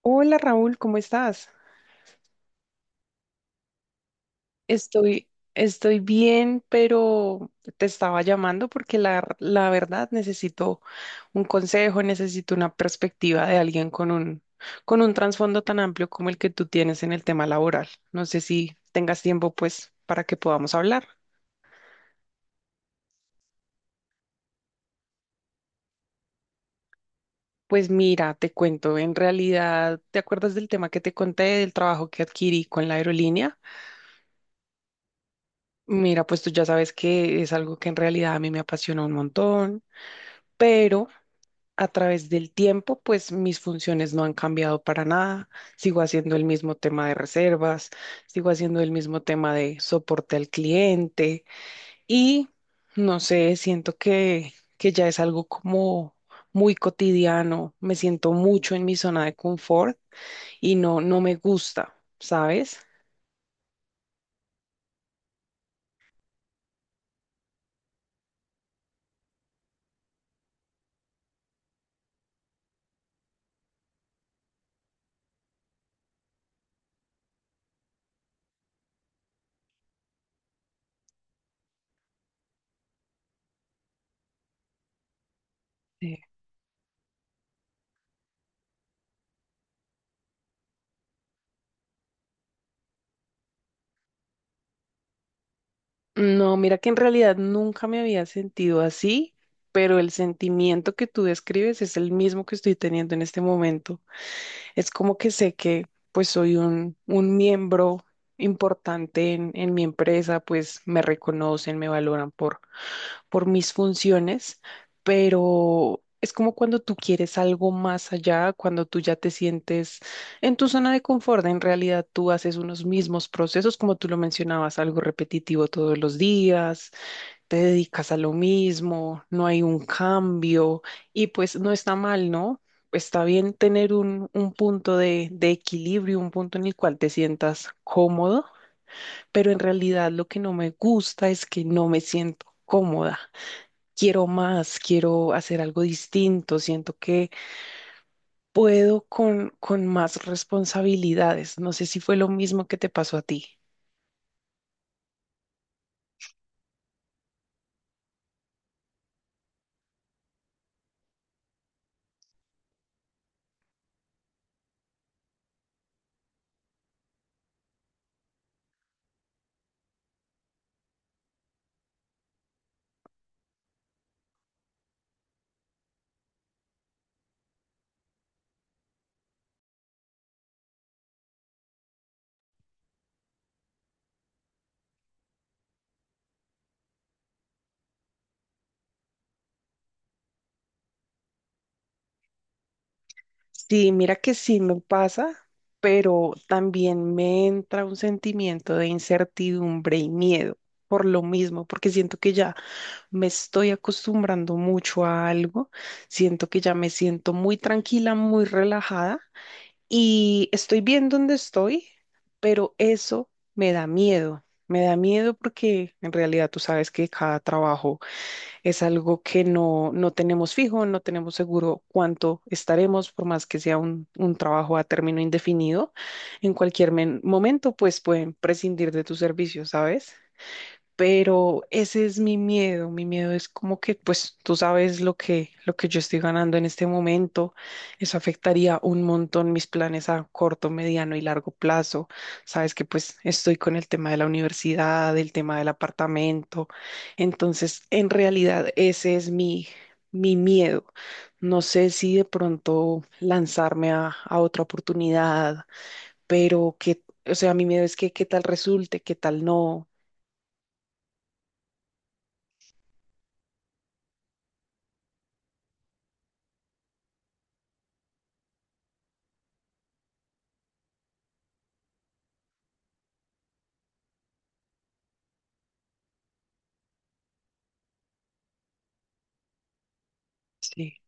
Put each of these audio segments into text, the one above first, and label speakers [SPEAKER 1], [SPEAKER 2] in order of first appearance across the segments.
[SPEAKER 1] Hola Raúl, ¿cómo estás? Estoy, estoy bien, pero te estaba llamando porque la verdad necesito un consejo, necesito una perspectiva de alguien con con un trasfondo tan amplio como el que tú tienes en el tema laboral. No sé si tengas tiempo, pues, para que podamos hablar. Pues mira, te cuento, en realidad, ¿te acuerdas del tema que te conté, del trabajo que adquirí con la aerolínea? Mira, pues tú ya sabes que es algo que en realidad a mí me apasiona un montón, pero... A través del tiempo, pues mis funciones no han cambiado para nada. Sigo haciendo el mismo tema de reservas, sigo haciendo el mismo tema de soporte al cliente y no sé, siento que ya es algo como muy cotidiano. Me siento mucho en mi zona de confort y no, no me gusta, ¿sabes? No, mira que en realidad nunca me había sentido así, pero el sentimiento que tú describes es el mismo que estoy teniendo en este momento. Es como que sé que pues soy un miembro importante en mi empresa, pues me reconocen, me valoran por mis funciones, pero es como cuando tú quieres algo más allá, cuando tú ya te sientes en tu zona de confort, en realidad tú haces unos mismos procesos, como tú lo mencionabas, algo repetitivo todos los días, te dedicas a lo mismo, no hay un cambio y pues no está mal, ¿no? Está bien tener un punto de equilibrio, un punto en el cual te sientas cómodo, pero en realidad lo que no me gusta es que no me siento cómoda. Quiero más, quiero hacer algo distinto, siento que puedo con más responsabilidades. No sé si fue lo mismo que te pasó a ti. Sí, mira que sí me pasa, pero también me entra un sentimiento de incertidumbre y miedo por lo mismo, porque siento que ya me estoy acostumbrando mucho a algo, siento que ya me siento muy tranquila, muy relajada. Y estoy bien donde estoy, pero eso me da miedo. Me da miedo porque en realidad tú sabes que cada trabajo es algo que no, no tenemos fijo, no tenemos seguro cuánto estaremos, por más que sea un trabajo a término indefinido. En cualquier momento, pues pueden prescindir de tus servicios, ¿sabes? Pero ese es mi miedo. Mi miedo es como que, pues, tú sabes lo que yo estoy ganando en este momento. Eso afectaría un montón mis planes a corto, mediano y largo plazo. Sabes que, pues, estoy con el tema de la universidad, el tema del apartamento. Entonces, en realidad, ese es mi miedo. No sé si de pronto lanzarme a otra oportunidad, pero que, o sea, mi miedo es que qué tal resulte, qué tal no. Sí,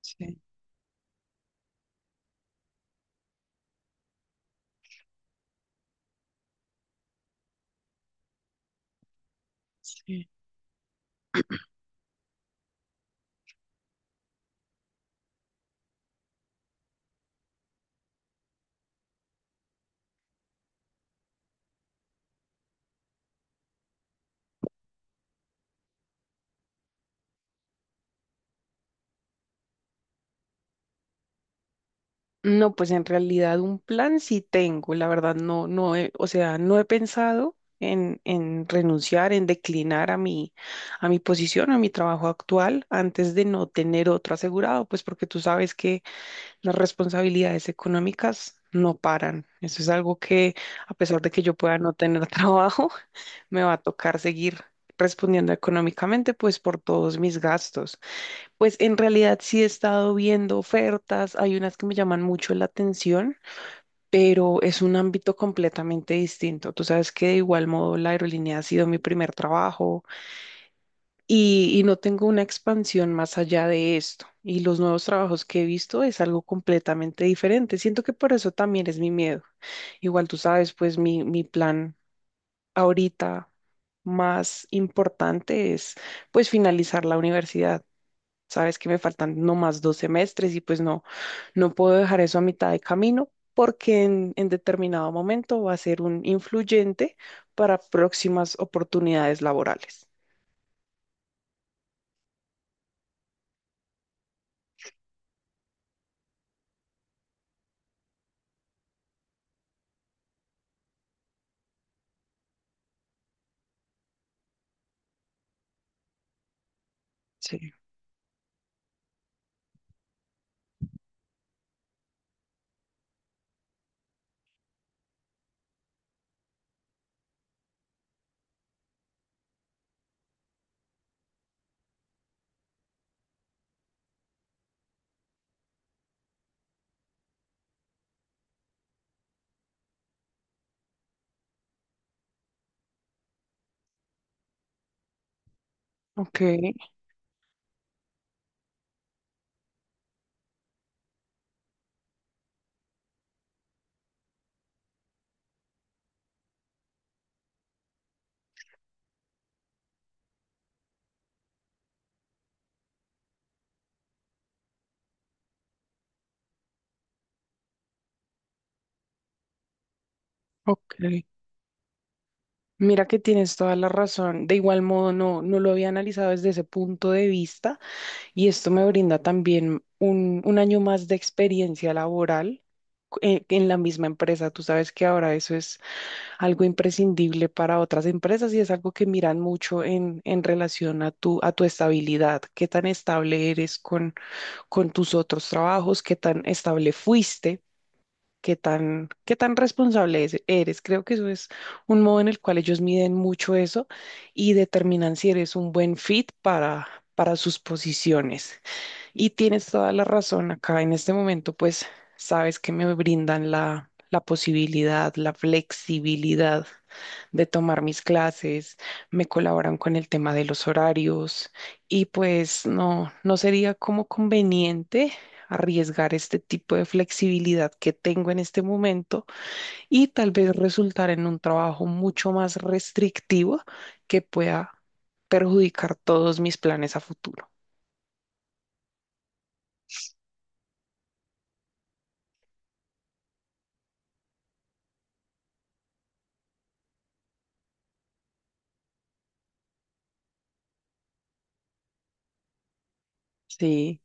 [SPEAKER 1] sí. Sí. No, pues en realidad un plan sí tengo, la verdad no, o sea, no he pensado en renunciar, en declinar a a mi posición, a mi trabajo actual, antes de no tener otro asegurado, pues porque tú sabes que las responsabilidades económicas no paran. Eso es algo que, a pesar de que yo pueda no tener trabajo, me va a tocar seguir respondiendo económicamente, pues por todos mis gastos. Pues en realidad sí he estado viendo ofertas, hay unas que me llaman mucho la atención, pero es un ámbito completamente distinto. Tú sabes que de igual modo la aerolínea ha sido mi primer trabajo y no tengo una expansión más allá de esto. Y los nuevos trabajos que he visto es algo completamente diferente. Siento que por eso también es mi miedo. Igual tú sabes, pues mi plan ahorita más importante es pues finalizar la universidad. Sabes que me faltan nomás dos semestres y pues no, no puedo dejar eso a mitad de camino porque en determinado momento va a ser un influyente para próximas oportunidades laborales. Sí, ok, ok. Mira que tienes toda la razón. De igual modo, no, no lo había analizado desde ese punto de vista. Y esto me brinda también un año más de experiencia laboral en la misma empresa. Tú sabes que ahora eso es algo imprescindible para otras empresas y es algo que miran mucho en relación a a tu estabilidad, qué tan estable eres con tus otros trabajos, qué tan estable fuiste. Qué tan responsable eres. Creo que eso es un modo en el cual ellos miden mucho eso y determinan si eres un buen fit para sus posiciones. Y tienes toda la razón acá. En este momento, pues, sabes que me brindan la posibilidad, la flexibilidad de tomar mis clases, me colaboran con el tema de los horarios y pues no, no sería como conveniente arriesgar este tipo de flexibilidad que tengo en este momento y tal vez resultar en un trabajo mucho más restrictivo que pueda perjudicar todos mis planes a futuro. Sí.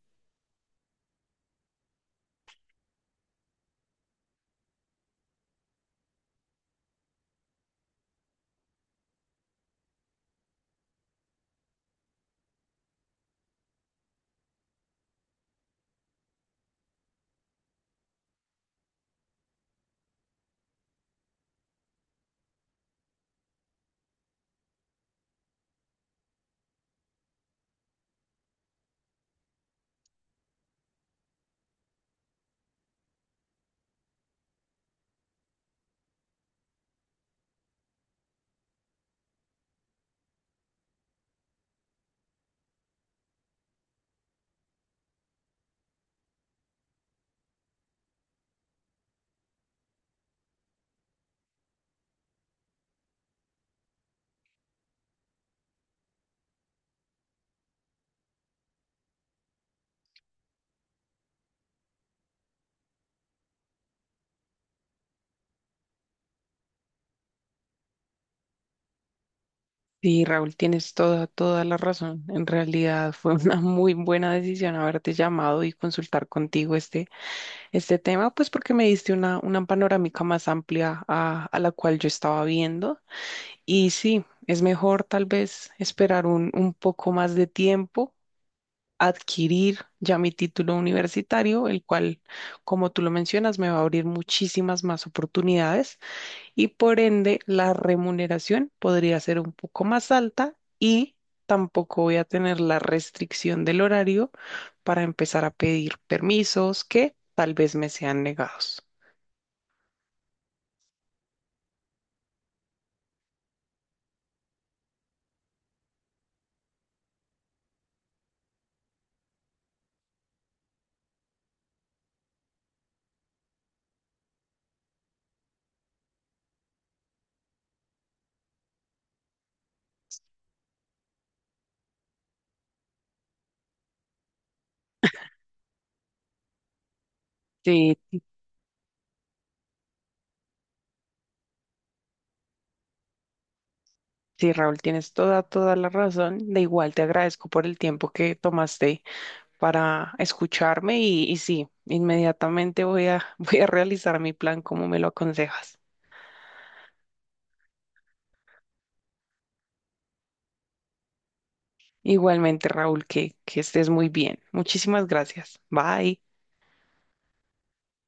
[SPEAKER 1] Sí, Raúl, tienes toda, toda la razón. En realidad fue una muy buena decisión haberte llamado y consultar contigo este tema, pues porque me diste una panorámica más amplia a la cual yo estaba viendo. Y sí, es mejor tal vez esperar un poco más de tiempo, adquirir ya mi título universitario, el cual, como tú lo mencionas, me va a abrir muchísimas más oportunidades y por ende la remuneración podría ser un poco más alta y tampoco voy a tener la restricción del horario para empezar a pedir permisos que tal vez me sean negados. Sí, sí, sí, Raúl, tienes toda, toda la razón. De igual te agradezco por el tiempo que tomaste para escucharme y sí, inmediatamente voy a, voy a realizar mi plan como me lo aconsejas. Igualmente, Raúl, que estés muy bien. Muchísimas gracias. Bye.